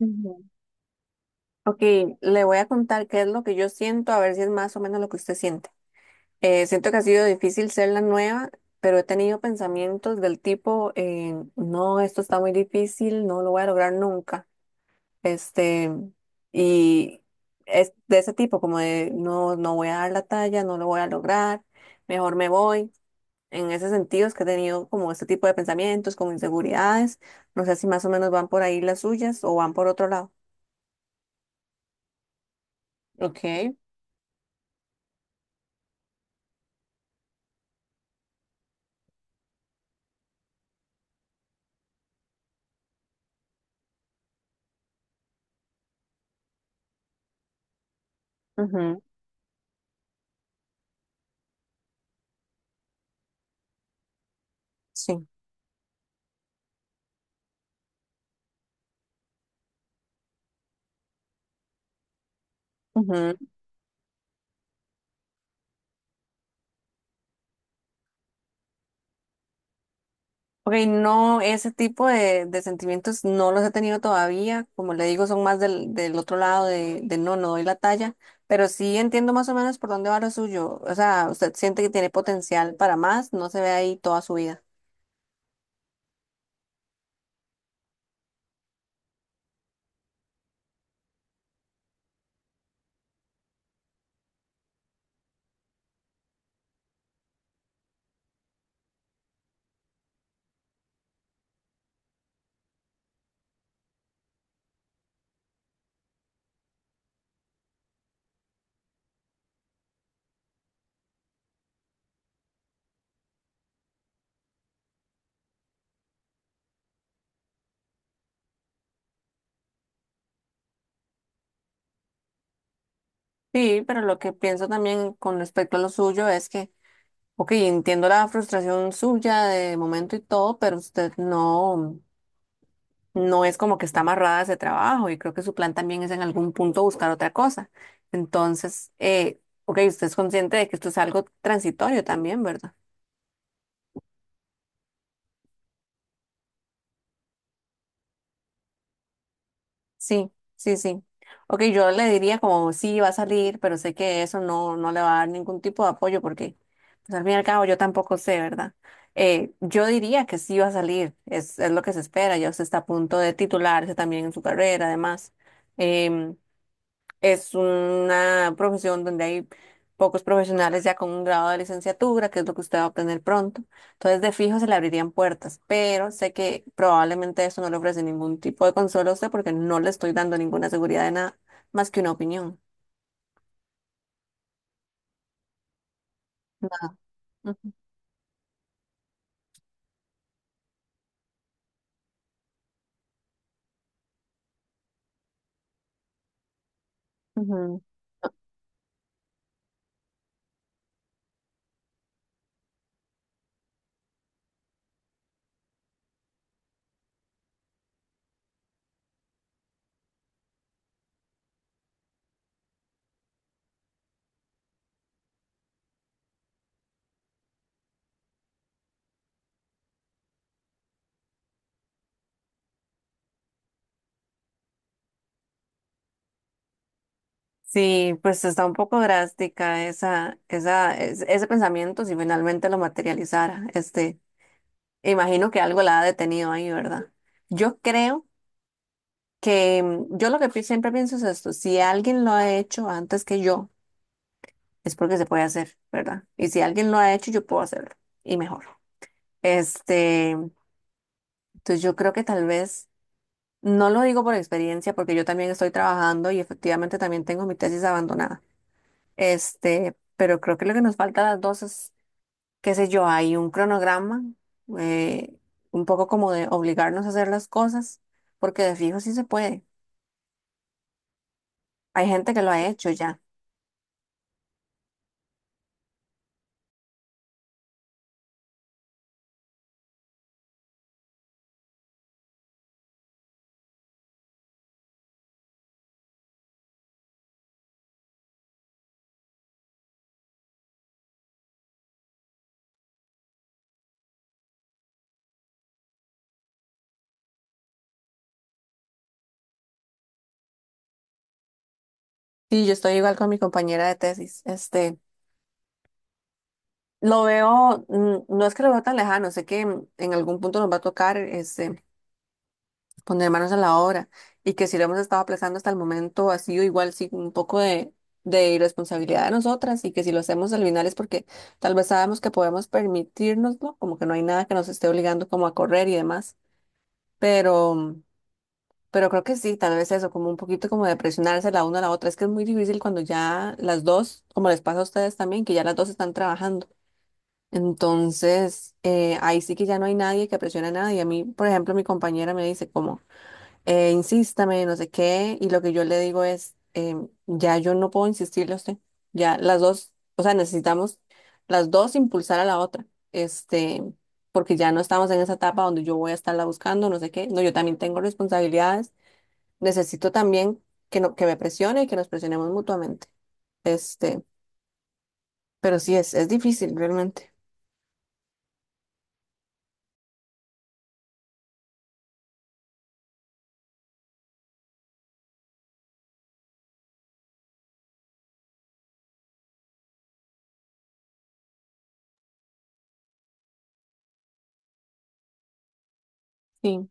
Ujú. Ok, le voy a contar qué es lo que yo siento, a ver si es más o menos lo que usted siente. Siento que ha sido difícil ser la nueva, pero he tenido pensamientos del tipo, no, esto está muy difícil, no lo voy a lograr nunca. Este, y es de ese tipo, como de, no, voy a dar la talla, no lo voy a lograr, mejor me voy. En ese sentido es que he tenido como este tipo de pensamientos, como inseguridades. No sé si más o menos van por ahí las suyas o van por otro lado. Ok. Sí. Ujú. Ok, no, ese tipo de sentimientos no los he tenido todavía. Como le digo, son más del otro lado de no, doy la talla. Pero sí entiendo más o menos por dónde va lo suyo. O sea, usted siente que tiene potencial para más, no se ve ahí toda su vida. Sí, pero lo que pienso también con respecto a lo suyo es que, ok, entiendo la frustración suya de momento y todo, pero usted no. No es como que está amarrada a ese trabajo y creo que su plan también es en algún punto buscar otra cosa. Entonces, ok, usted es consciente de que esto es algo transitorio también, ¿verdad? Sí, sí, sí. Ok, yo le diría como sí, va a salir, pero sé que eso no, le va a dar ningún tipo de apoyo porque, pues al fin y al cabo, yo tampoco sé, ¿verdad? Yo diría que sí va a salir, es lo que se espera, ya usted está a punto de titularse también en su carrera, además. Em, Es una profesión donde hay pocos profesionales ya con un grado de licenciatura, que es lo que usted va a obtener pronto. Entonces, de fijo se le abrirían puertas, pero sé que probablemente eso no le ofrece ningún tipo de consuelo a usted porque no le estoy dando ninguna seguridad de nada más que una opinión. Ujú, ujú. Sí, pues está un poco drástica esa, ese pensamiento si finalmente lo materializara. Este, imagino que algo la ha detenido ahí, ¿verdad? Yo creo que yo lo que siempre pienso es esto, si alguien lo ha hecho antes que yo, es porque se puede hacer, ¿verdad? Y si alguien lo ha hecho, yo puedo hacerlo y mejor. Este, entonces yo creo que tal vez, no lo digo por experiencia, porque yo también estoy trabajando y efectivamente también tengo mi tesis abandonada. Este, pero creo que lo que nos falta a las dos es, qué sé yo, hay un cronograma, eh, un poco como de obligarnos a hacer las cosas, porque de fijo sí se puede. Hay gente que lo ha hecho ya. Sí, yo estoy igual con mi compañera de tesis. Este, lo veo, no es que lo veo tan lejano, sé que en algún punto nos va a tocar este, poner manos a la obra y que si lo hemos estado aplazando hasta el momento ha sido igual sí un poco de, irresponsabilidad de nosotras y que si lo hacemos al final es porque tal vez sabemos que podemos permitirnoslo, como que no hay nada que nos esté obligando como a correr y demás, pero pero creo que sí, tal vez eso, como un poquito como de presionarse la una a la otra. Es que es muy difícil cuando ya las dos, como les pasa a ustedes también, que ya las dos están trabajando. Entonces, ahí sí que ya no hay nadie que presione a nadie. A mí, por ejemplo, mi compañera me dice como, insístame, no sé qué, y lo que yo le digo es, ya yo no puedo insistirle a usted. Ya las dos, o sea, necesitamos las dos impulsar a la otra. Este, porque ya no estamos en esa etapa donde yo voy a estarla buscando, no sé qué. No, yo también tengo responsabilidades, necesito también que, no, que me presione y que nos presionemos mutuamente. Este, pero sí es difícil realmente. Sí.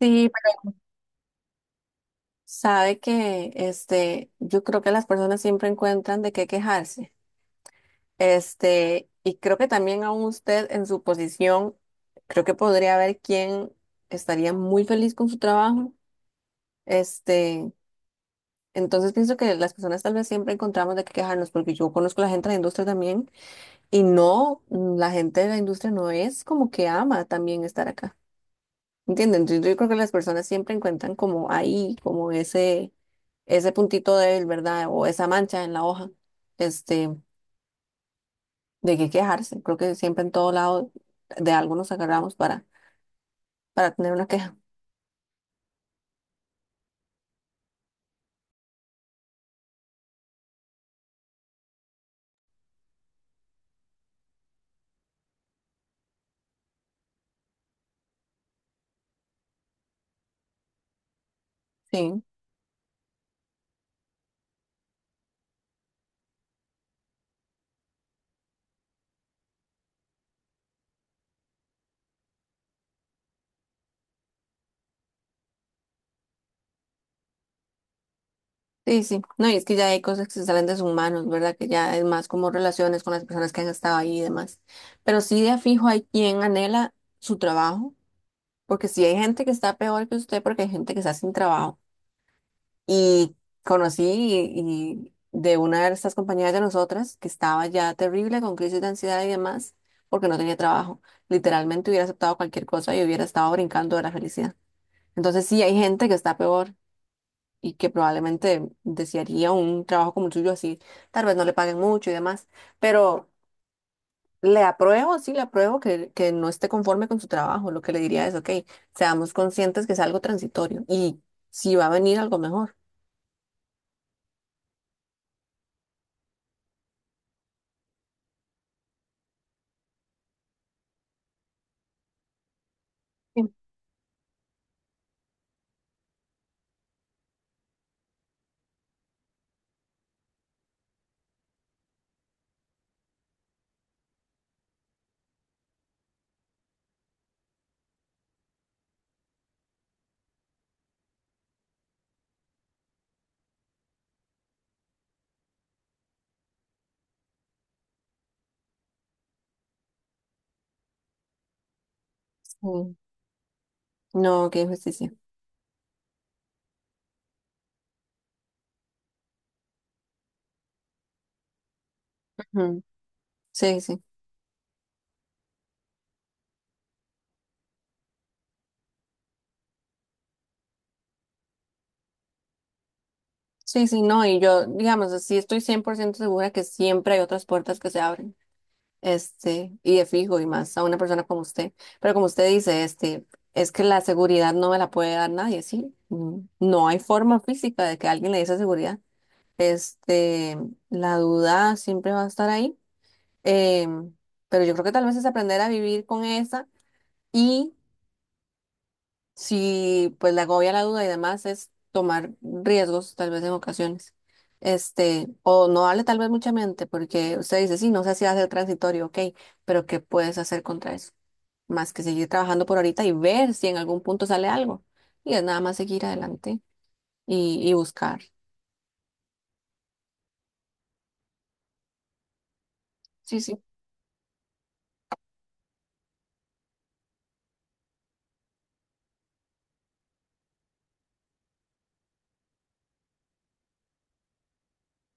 Sí, pero sabe que este, yo creo que las personas siempre encuentran de qué quejarse. Este, y creo que también aún usted en su posición, creo que podría ver quién estaría muy feliz con su trabajo. Este, entonces pienso que las personas tal vez siempre encontramos de qué quejarnos, porque yo conozco a la gente de la industria también. Y no, la gente de la industria no es como que ama también estar acá. ¿Entienden? Entonces, yo creo que las personas siempre encuentran como ahí, como ese puntito débil, ¿verdad? O esa mancha en la hoja, este, de qué quejarse. Creo que siempre en todo lado de algo nos agarramos para, tener una queja. Sí, sí, sí. No, y es que ya hay cosas que se salen de sus manos, ¿verdad? Que ya es más como relaciones con las personas que han estado ahí y demás. Pero sí de a fijo hay quien anhela su trabajo. Porque sí hay gente que está peor que usted, porque hay gente que está sin trabajo. Y conocí y, y de una de estas compañeras de nosotras que estaba ya terrible con crisis de ansiedad y demás, porque no tenía trabajo. Literalmente hubiera aceptado cualquier cosa y hubiera estado brincando de la felicidad. Entonces sí hay gente que está peor y que probablemente desearía un trabajo como el suyo así. Tal vez no le paguen mucho y demás, pero... Le apruebo, sí, le apruebo que, no esté conforme con su trabajo. Lo que le diría es, ok, seamos conscientes que es algo transitorio y si va a venir algo mejor. Sí. No, qué injusticia. Ujú. Sí, sí. Sí, sí, no, y yo, digamos, así estoy 100% segura que siempre hay otras puertas que se abren, este, y de fijo, y más a una persona como usted. Pero como usted dice, este, es que la seguridad no me la puede dar nadie, sí. Mm, no hay forma física de que alguien le dé esa seguridad. Este, la duda siempre va a estar ahí, em, pero yo creo que tal vez es aprender a vivir con esa, y si pues la agobia la duda y demás es tomar riesgos tal vez en ocasiones. Este, o no darle tal vez mucha mente porque usted dice, sí, no sé si hace el transitorio, ok, pero ¿qué puedes hacer contra eso? Más que seguir trabajando por ahorita y ver si en algún punto sale algo. Y es nada más seguir adelante y buscar. Sí, sí.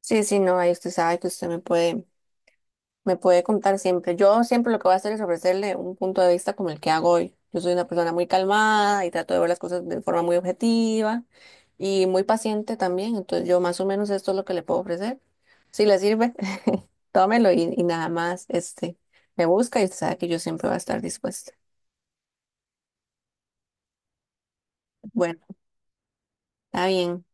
Sí, sí, no, ahí usted sabe que usted me puede, me puede contar siempre. Yo siempre lo que voy a hacer es ofrecerle un punto de vista como el que hago hoy. Yo soy una persona muy calmada y trato de ver las cosas de forma muy objetiva y muy paciente también. Entonces yo más o menos esto es lo que le puedo ofrecer. Si le sirve, tómelo y, nada más, este, me busca y sabe que yo siempre voy a estar dispuesta. Bueno, está bien.